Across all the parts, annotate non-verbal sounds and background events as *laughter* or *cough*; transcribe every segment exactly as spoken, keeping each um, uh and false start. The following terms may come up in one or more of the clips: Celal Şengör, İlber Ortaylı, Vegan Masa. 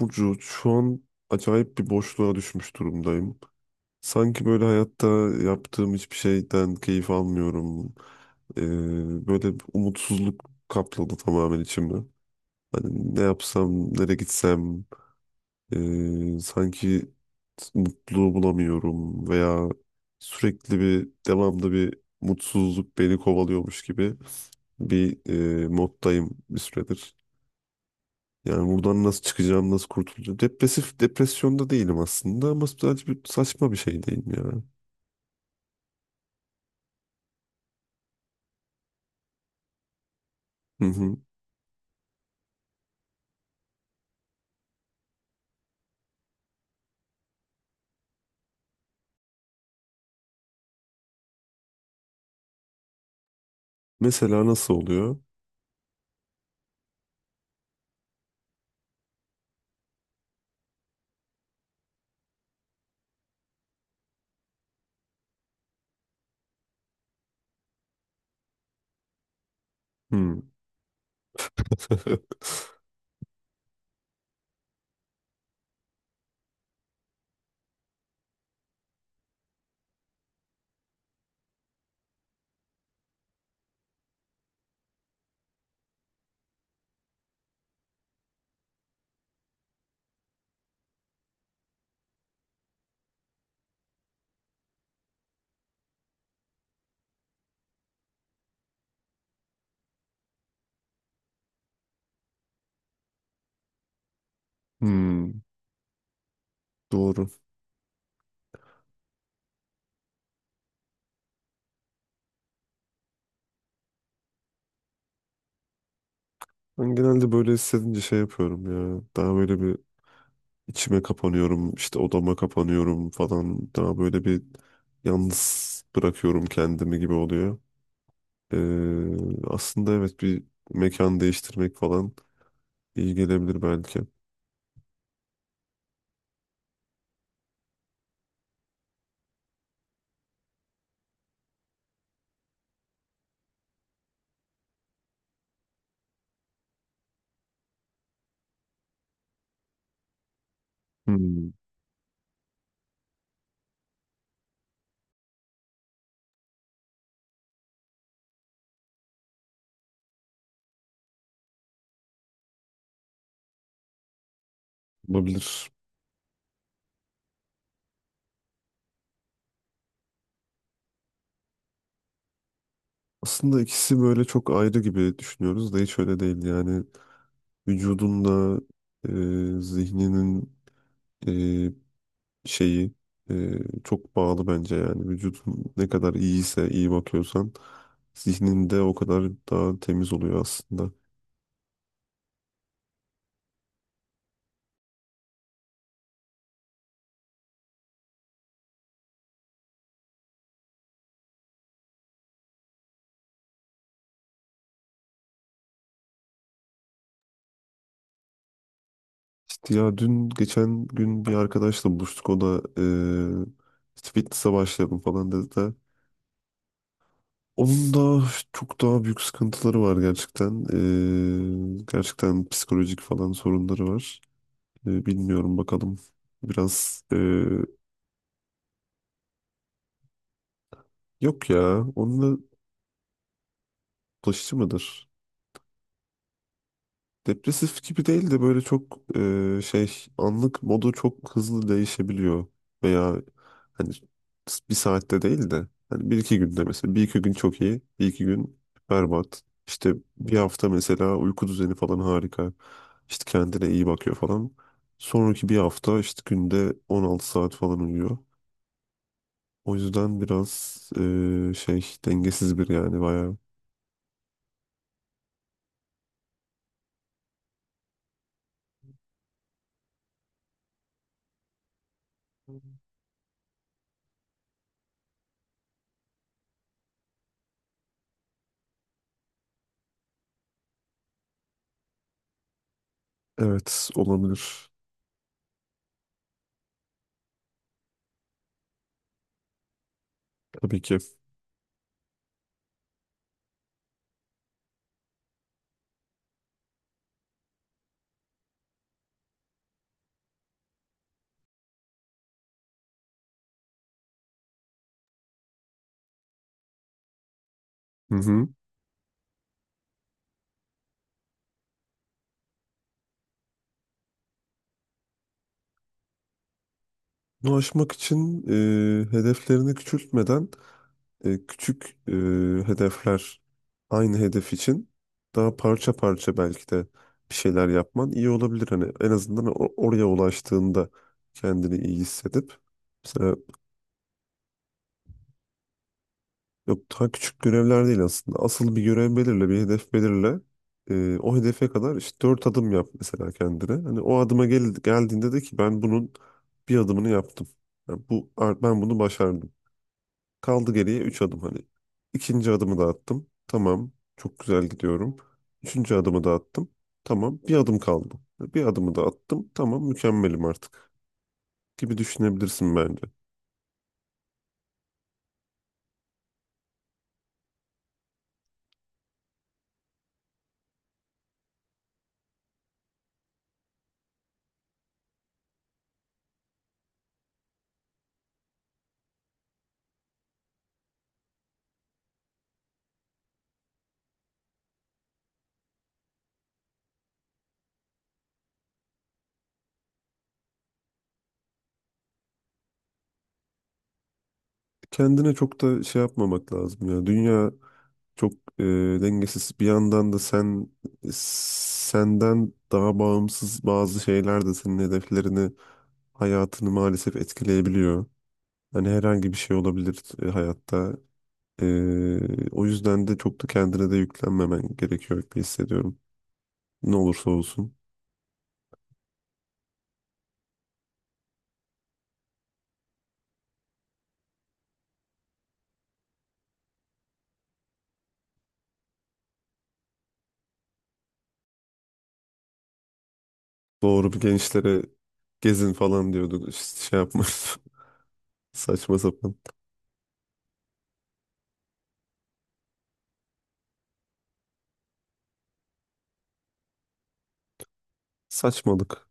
Burcu, şu an acayip bir boşluğa düşmüş durumdayım. Sanki böyle hayatta yaptığım hiçbir şeyden keyif almıyorum. Ee, böyle bir umutsuzluk kapladı tamamen içimi. Hani ne yapsam, nereye gitsem, ee, sanki mutluluğu bulamıyorum veya sürekli bir devamlı bir mutsuzluk beni kovalıyormuş gibi bir ee, moddayım bir süredir. Yani buradan nasıl çıkacağım, nasıl kurtulacağım? Depresif, depresyonda değilim aslında ama sadece bir saçma bir şey değil ya. Hı hı. Mesela nasıl oluyor? Hmm. *laughs* Hmm. Doğru. Ben genelde böyle hissedince şey yapıyorum ya. Daha böyle bir içime kapanıyorum, işte odama kapanıyorum falan. Daha böyle bir yalnız bırakıyorum kendimi gibi oluyor. Ee, aslında evet bir mekan değiştirmek falan iyi gelebilir belki. Hmm. Olabilir. Aslında ikisi böyle çok ayrı gibi düşünüyoruz da hiç öyle değil. Yani vücudunla e, zihninin e, şeyi e, çok bağlı bence yani. Vücudun ne kadar iyiyse, iyi bakıyorsan zihnin de o kadar daha temiz oluyor aslında. İşte ya dün geçen gün bir arkadaşla buluştuk. O da e, işte fitness'a başladım falan dedi de. Onun da çok daha büyük sıkıntıları var gerçekten. E, gerçekten psikolojik falan sorunları var. E, bilmiyorum bakalım. Biraz e, yok ya. Onunla bulaşıcı mıdır? Depresif gibi değil de böyle çok e, şey, anlık modu çok hızlı değişebiliyor. Veya hani bir saatte değil de hani bir iki günde, mesela bir iki gün çok iyi, bir iki gün berbat. İşte bir hafta mesela uyku düzeni falan harika. İşte kendine iyi bakıyor falan. Sonraki bir hafta işte günde on altı saat falan uyuyor. O yüzden biraz e, şey, dengesiz bir yani bayağı. Evet olabilir tabii ki. Hı hı. Bunu aşmak için e, hedeflerini küçültmeden e, küçük e, hedefler, aynı hedef için daha parça parça belki de bir şeyler yapman iyi olabilir. Hani en azından o- oraya ulaştığında kendini iyi hissedip. Mesela yok, daha küçük görevler değil aslında. Asıl bir görev belirle, bir hedef belirle. Ee, o hedefe kadar işte dört adım yap mesela kendine. Hani o adıma gel geldiğinde de ki ben bunun bir adımını yaptım. Yani bu, ben bunu başardım. Kaldı geriye üç adım hani. İkinci adımı da attım. Tamam, çok güzel gidiyorum. Üçüncü adımı da attım. Tamam, bir adım kaldı. Bir adımı da attım. Tamam, mükemmelim artık gibi düşünebilirsin bence. Kendine çok da şey yapmamak lazım ya. Dünya çok e, dengesiz. Bir yandan da sen, senden daha bağımsız bazı şeyler de senin hedeflerini, hayatını maalesef etkileyebiliyor. Hani herhangi bir şey olabilir e, hayatta. E, o yüzden de çok da kendine de yüklenmemen gerekiyor gibi hissediyorum. Ne olursa olsun. Doğru, bir gençlere gezin falan diyordu. İşte şey yapmış. *laughs* Saçma sapan. Saçmalık.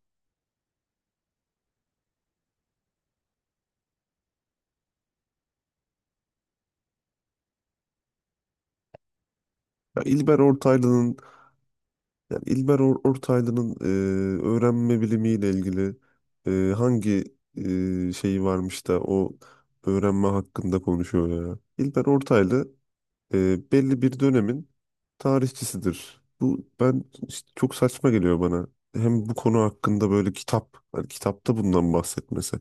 Ya İlber Ortaylı'nın, yani İlber Or- Ortaylı'nın e, öğrenme bilimiyle ilgili e, hangi e, şeyi varmış da o öğrenme hakkında konuşuyor ya. İlber Ortaylı e, belli bir dönemin tarihçisidir. Bu, ben işte çok saçma geliyor bana. Hem bu konu hakkında böyle kitap, hani kitapta bundan bahsetmesi.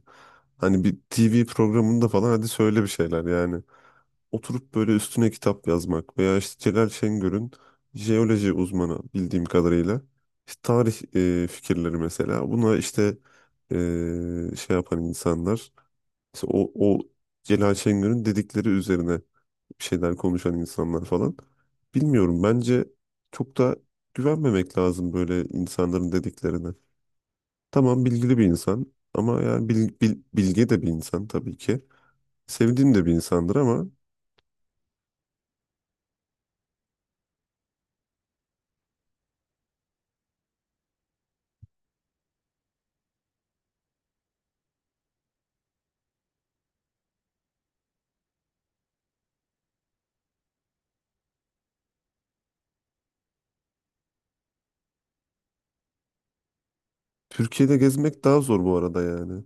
Hani bir T V programında falan hadi söyle bir şeyler yani. Oturup böyle üstüne kitap yazmak veya işte Celal Şengör'ün jeoloji uzmanı bildiğim kadarıyla işte tarih e, fikirleri mesela. Buna işte e, şey yapan insanlar, işte o, o Celal Şengör'ün dedikleri üzerine bir şeyler konuşan insanlar falan. Bilmiyorum, bence çok da güvenmemek lazım böyle insanların dediklerine. Tamam, bilgili bir insan ama yani bil, bil- bilge de bir insan tabii ki. Sevdiğim de bir insandır ama Türkiye'de gezmek daha zor bu arada yani.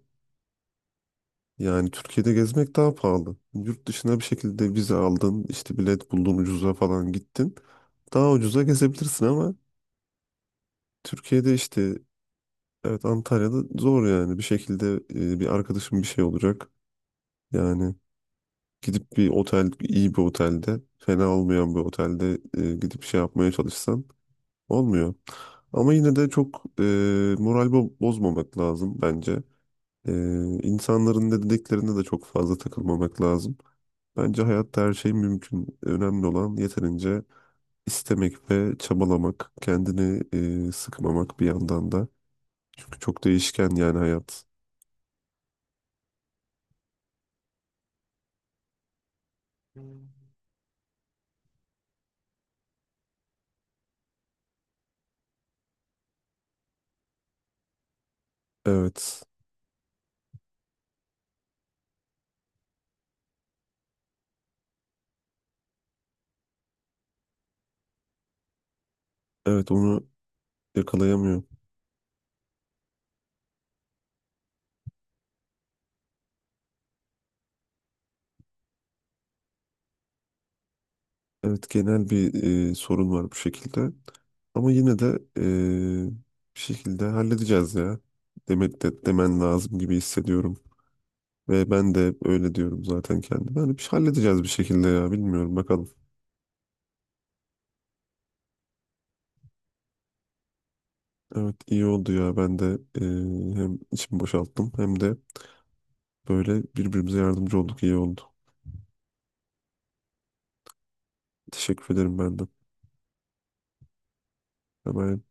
Yani Türkiye'de gezmek daha pahalı. Yurt dışına bir şekilde vize aldın, işte bilet buldun ucuza falan gittin. Daha ucuza gezebilirsin ama Türkiye'de işte, evet, Antalya'da zor yani. Bir şekilde e, bir arkadaşım bir şey olacak. Yani gidip bir otel, iyi bir otelde, fena olmayan bir otelde e, gidip şey yapmaya çalışsan olmuyor. Ama yine de çok e, moral bo- bozmamak lazım bence. E, insanların ne dediklerine de çok fazla takılmamak lazım. Bence hayatta her şey mümkün. Önemli olan yeterince istemek ve çabalamak, kendini e, sıkmamak bir yandan da. Çünkü çok değişken yani hayat. Evet, evet, onu yakalayamıyor. Evet, genel bir e, sorun var bu şekilde. Ama yine de eee, bir şekilde halledeceğiz ya. Demek de demen lazım gibi hissediyorum. Ve ben de hep öyle diyorum zaten kendime. Hani bir şey halledeceğiz bir şekilde ya, bilmiyorum bakalım. Evet, iyi oldu ya. Ben de eee, hem içimi boşalttım hem de böyle birbirimize yardımcı olduk, iyi oldu. Teşekkür ederim ben de. Hemen